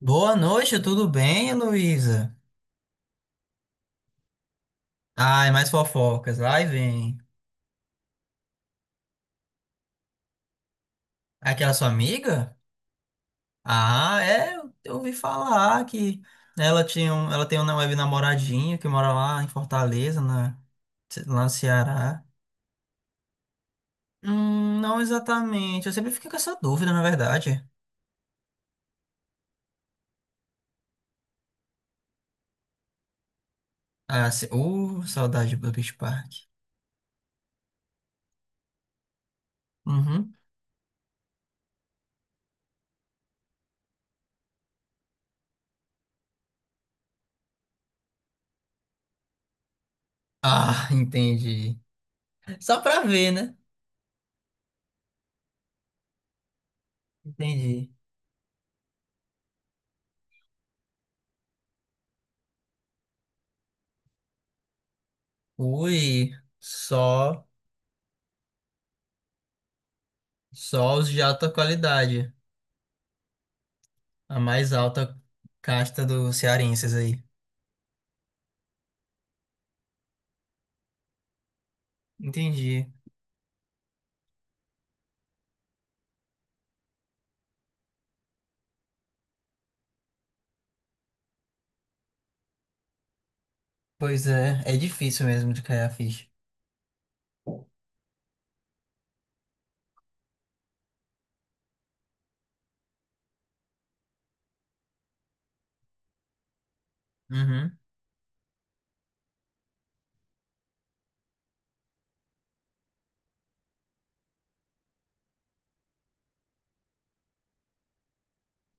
Boa noite, tudo bem, Luísa? Ai, mais fofocas, lá e vem. Aquela sua amiga? Ah, é, eu ouvi falar que ela tinha um, ela tem uma web namoradinho que mora lá em Fortaleza, na, lá no Ceará. Não exatamente, eu sempre fiquei com essa dúvida, na verdade. Ah, se, saudade do Beach Park. Uhum. Ah, entendi. Só pra ver, né? Entendi. Ui, só, só os de alta qualidade. A mais alta casta dos cearenses aí. Entendi. Pois é, é difícil mesmo de cair a ficha. Uhum.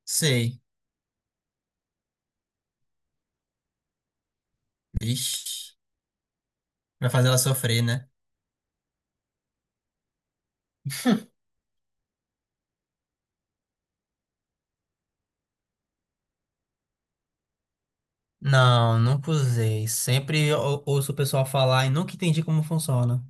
Sei. Ixi. Vai fazer ela sofrer, né? Não, nunca usei. Sempre ouço o pessoal falar e nunca entendi como funciona.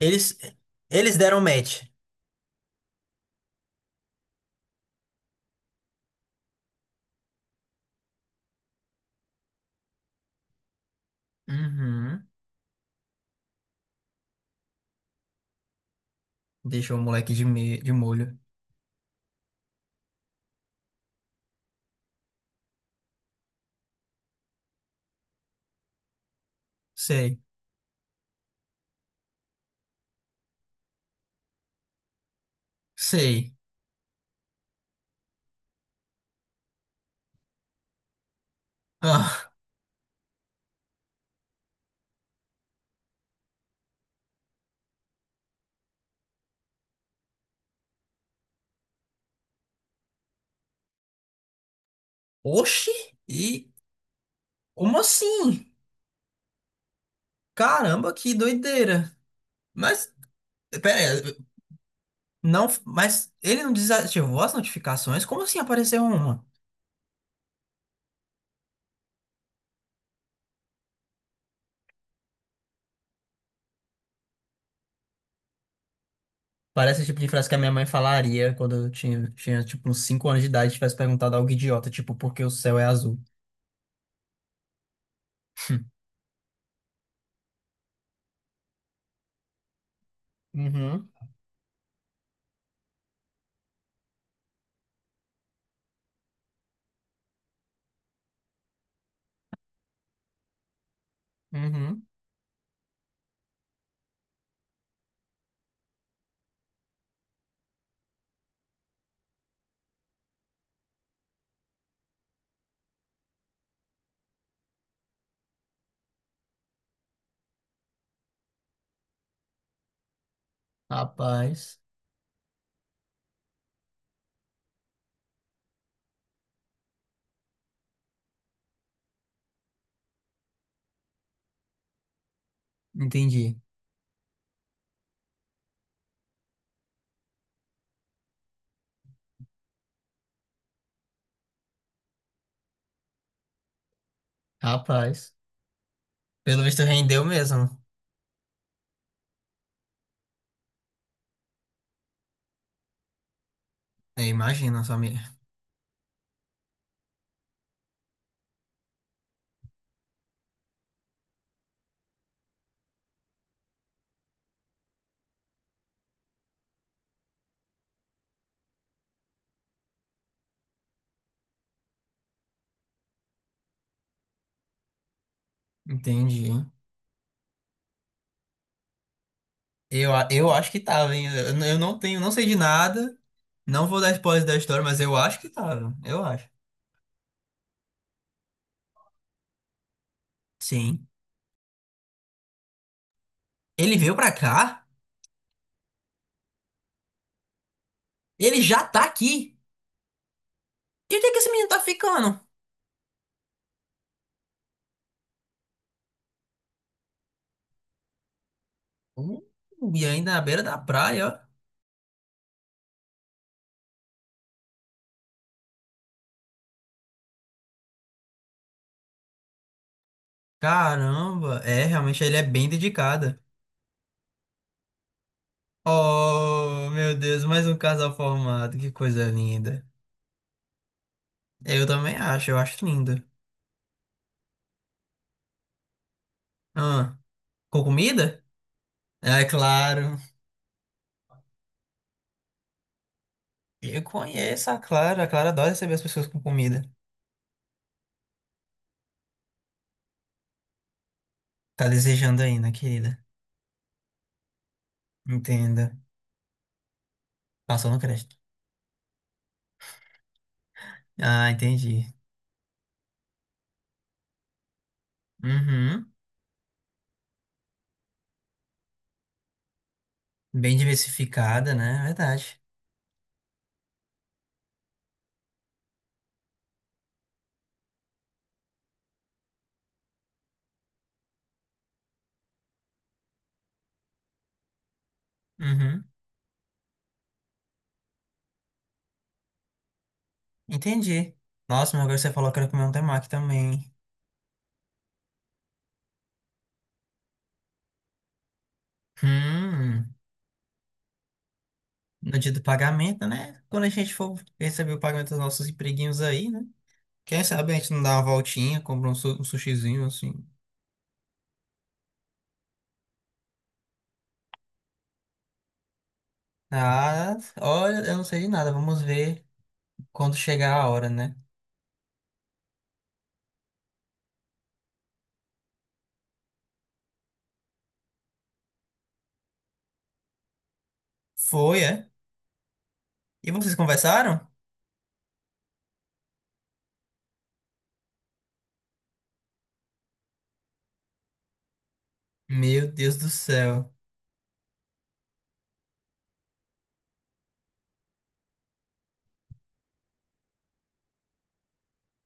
Eles, eles deram match. Uhum. Deixou o moleque de, me... de molho. Sei. Sei. Ah. Oxi! E como assim? Caramba, que doideira. Mas, pera aí, não, mas ele não desativou as notificações? Como assim apareceu uma? Parece o tipo de frase que a minha mãe falaria quando eu tinha tipo, uns 5 anos de idade e tivesse perguntado algo idiota, tipo, por que o céu é azul? Uhum, uhum. Rapaz, entendi. Rapaz. Pelo visto rendeu mesmo. É, imagina, família. Entendi. Eu, eu acho que tava, hein? Eu não tenho, não sei de nada. Não vou dar spoiler da história, mas eu acho que tava. Eu acho. Sim. Ele veio pra cá? Ele já tá aqui? E onde é que esse menino tá ficando? Uh, e ainda na beira da praia, ó. Caramba, é, realmente ele é bem dedicado. Oh, meu Deus, mais um casal formado, que coisa linda. Eu também acho, eu acho lindo. Ah, com comida? É claro. Eu conheço a Clara adora receber as pessoas com comida. Tá desejando ainda, querida. Entenda. Passou no crédito. Ah, entendi. Uhum. Bem diversificada, né? Verdade. Uhum. Entendi. Nossa, mas agora você falou que era comer um temaki também. Hum, no dia do pagamento, né? Quando a gente for receber o pagamento dos nossos empreguinhos aí, né? Quem sabe a gente não dá uma voltinha, compra um, um sushizinho assim. Ah, olha, eu não sei de nada. Vamos ver quando chegar a hora, né? Foi, é? E vocês conversaram? Meu Deus do céu.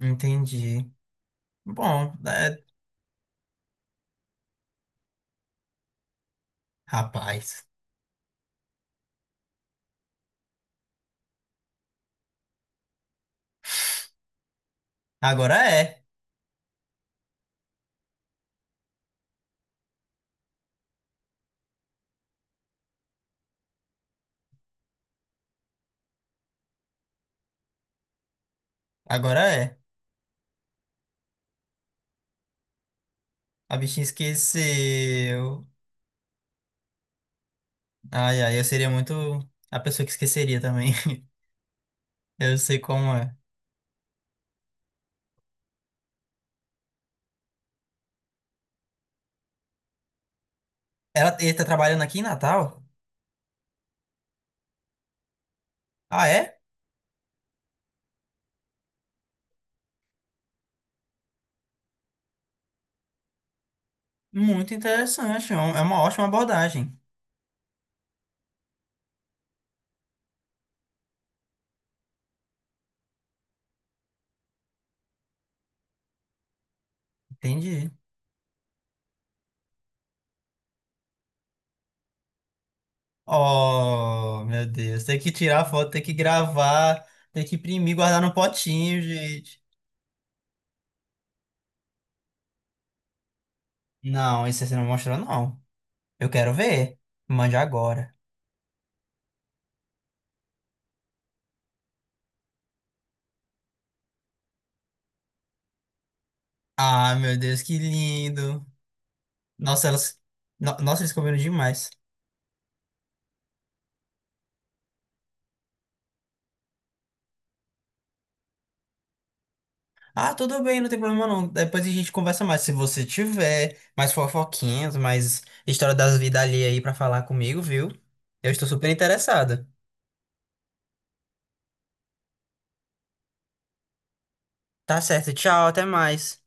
Entendi. Bom, é... rapaz. Agora é. Agora é. A bichinha esqueceu. Ai, ai, eu seria muito a pessoa que esqueceria também. Eu sei como é. Ela, ele tá trabalhando aqui em Natal? Ah, é? Muito interessante. É é uma ótima abordagem. Entendi. Oh, meu Deus. Tem que tirar a foto, tem que gravar, tem que imprimir, guardar no potinho, gente. Não, isso você não mostrou, não. Eu quero ver. Mande agora. Ah, meu Deus, que lindo. Nossa, elas... Nossa, eles combinam demais. Ah, tudo bem, não tem problema não. Depois a gente conversa mais. Se você tiver mais fofoquinhas, mais história das vidas ali aí pra falar comigo, viu? Eu estou super interessado. Tá certo, tchau, até mais.